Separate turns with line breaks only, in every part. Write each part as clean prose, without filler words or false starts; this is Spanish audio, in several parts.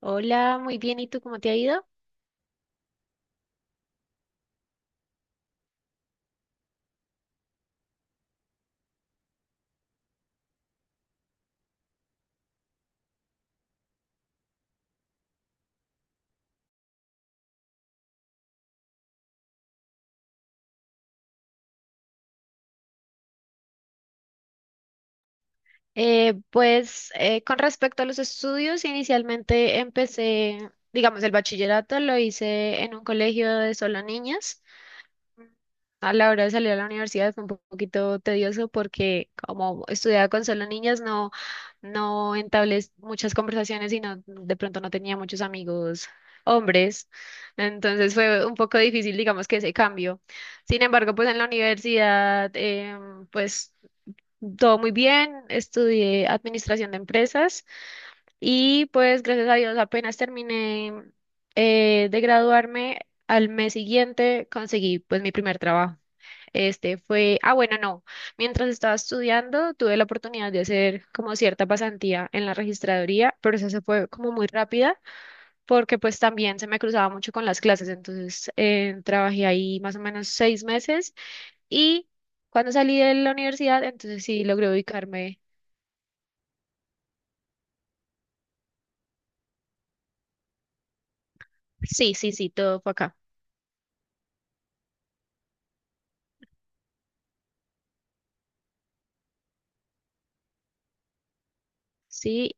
Hola, muy bien. ¿Y tú cómo te ha ido? Con respecto a los estudios, inicialmente empecé, digamos, el bachillerato lo hice en un colegio de solo niñas. A la hora de salir a la universidad fue un poquito tedioso porque como estudiaba con solo niñas, no, no entablé muchas conversaciones y no, de pronto no tenía muchos amigos hombres. Entonces fue un poco difícil, digamos, que ese cambio. Sin embargo, pues en la universidad, pues todo muy bien, estudié administración de empresas y pues gracias a Dios apenas terminé de graduarme, al mes siguiente conseguí pues mi primer trabajo. Este fue, ah, bueno, no, mientras estaba estudiando tuve la oportunidad de hacer como cierta pasantía en la registraduría, pero eso se fue como muy rápida porque pues también se me cruzaba mucho con las clases, entonces trabajé ahí más o menos 6 meses y... Cuando salí de la universidad, entonces sí logré ubicarme. Sí, sí, sí, todo fue acá. Sí,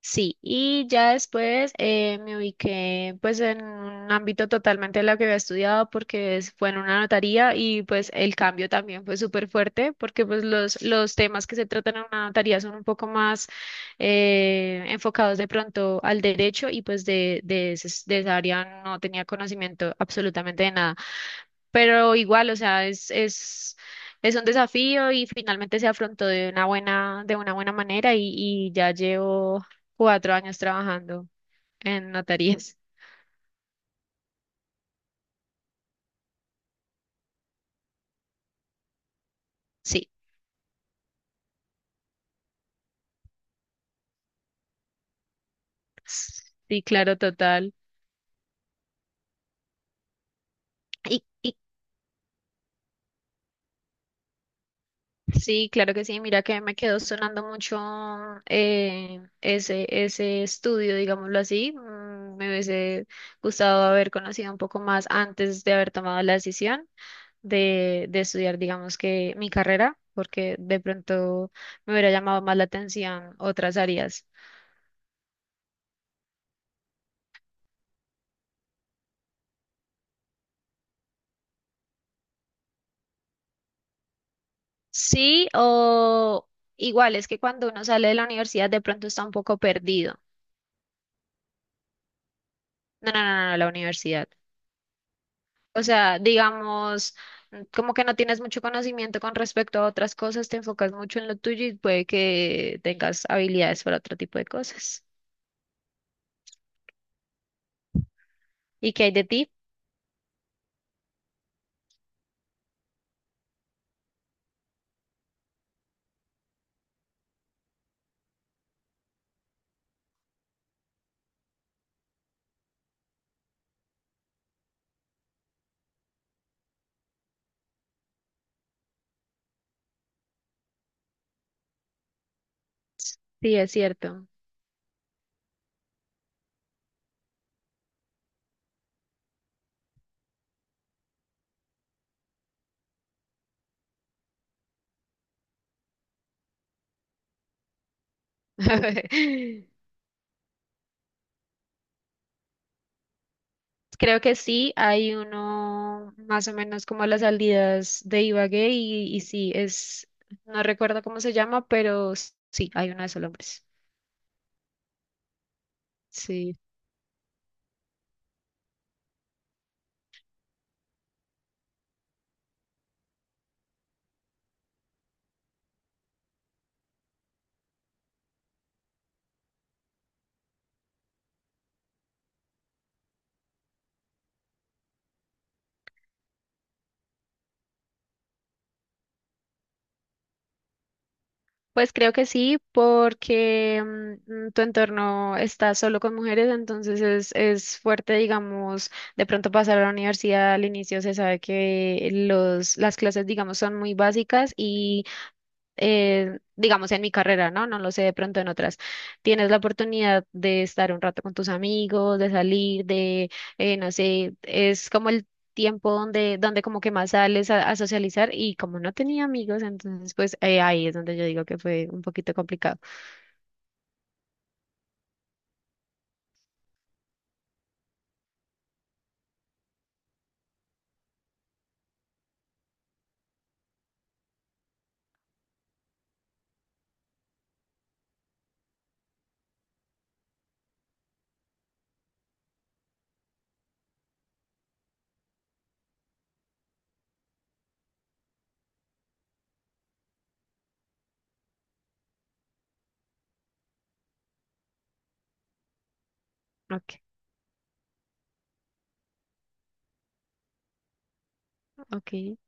sí. Y ya después, me ubiqué pues en un ámbito totalmente de lo que había estudiado porque fue en una notaría y pues el cambio también fue súper fuerte porque pues los temas que se tratan en una notaría son un poco más enfocados de pronto al derecho y pues de esa área no tenía conocimiento absolutamente de nada. Pero igual, o sea, es un desafío y finalmente se afrontó de una buena manera y ya llevo 4 años trabajando en notarías. Sí, sí, claro, total. Y sí, claro que sí? Mira que me quedó sonando mucho ese estudio, digámoslo así. Me hubiese gustado haber conocido un poco más antes de haber tomado la decisión de estudiar, digamos que mi carrera, porque de pronto me hubiera llamado más la atención otras áreas. Sí, o igual es que cuando uno sale de la universidad de pronto está un poco perdido. No, no, no, no, la universidad. O sea, digamos, como que no tienes mucho conocimiento con respecto a otras cosas, te enfocas mucho en lo tuyo y puede que tengas habilidades para otro tipo de cosas. ¿Y qué hay de ti? Sí, es cierto. Creo que sí, hay uno más o menos como a las salidas de Ibagué y sí, es, no recuerdo cómo se llama, pero sí, hay uno de esos hombres. Pues creo que sí, porque tu entorno está solo con mujeres, entonces es fuerte, digamos, de pronto pasar a la universidad al inicio se sabe que las clases, digamos, son muy básicas y digamos, en mi carrera, ¿no? No lo sé, de pronto en otras. Tienes la oportunidad de estar un rato con tus amigos, de salir, no sé, es como el tiempo donde, donde como que más sales a socializar y como no tenía amigos, entonces pues ahí es donde yo digo que fue un poquito complicado. Ok, ok.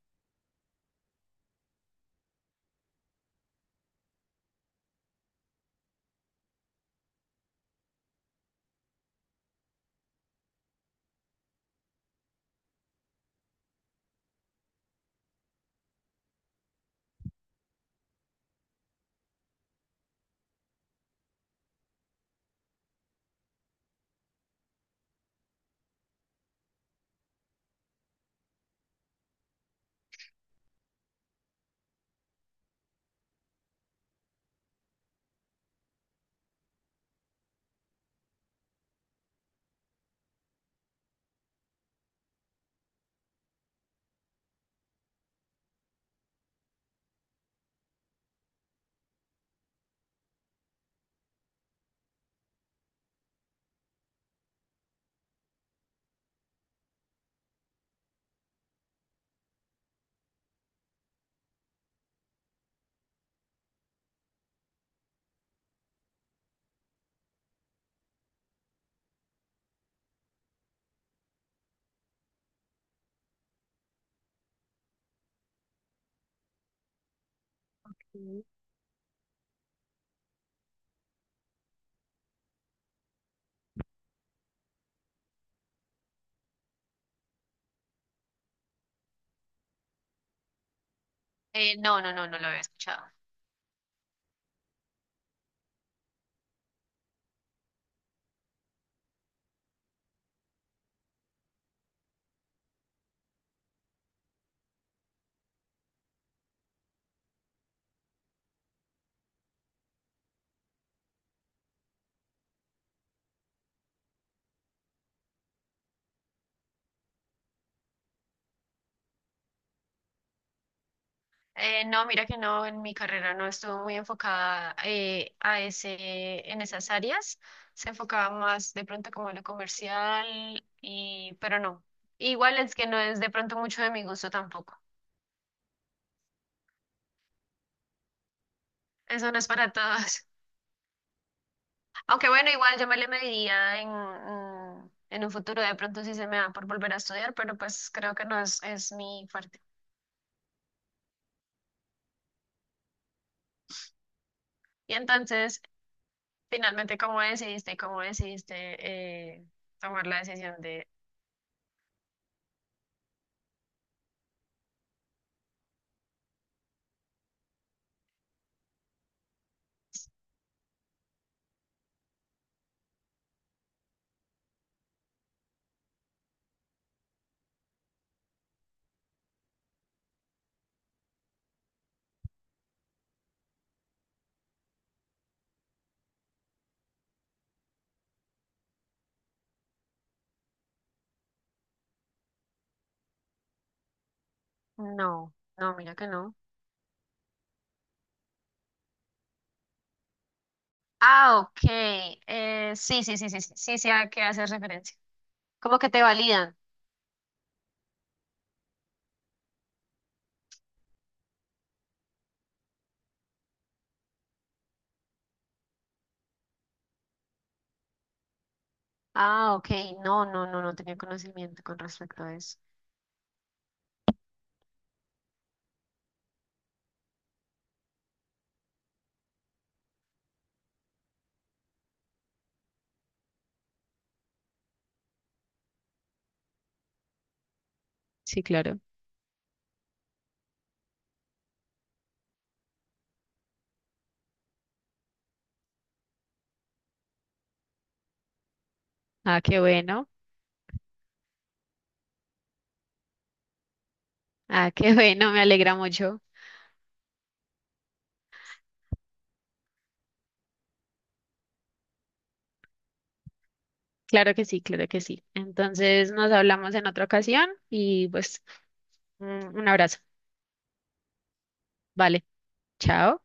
Mm. No, no, no, no lo había escuchado. No, mira que no, en mi carrera no estuvo muy enfocada en esas áreas. Se enfocaba más de pronto como a lo comercial, y, pero no. Igual es que no es de pronto mucho de mi gusto tampoco. Eso no es para todos. Aunque bueno, igual yo me le mediría en, en un futuro, de pronto sí se me da por volver a estudiar, pero pues creo que no es, es mi fuerte. Y entonces, finalmente, ¿cómo decidiste? ¿Cómo decidiste eh, tomar la decisión de no? No, mira que no. Ah, ok. Sí, sí, sí, sí, sí, sí, sí, a qué haces referencia. ¿Cómo que te validan? Ah, ok. No, no, no, no tenía conocimiento con respecto a eso. Sí, claro. Ah, qué bueno. Ah, qué bueno, me alegra mucho. Claro que sí, claro que sí. Entonces nos hablamos en otra ocasión y pues un un abrazo. Vale, chao.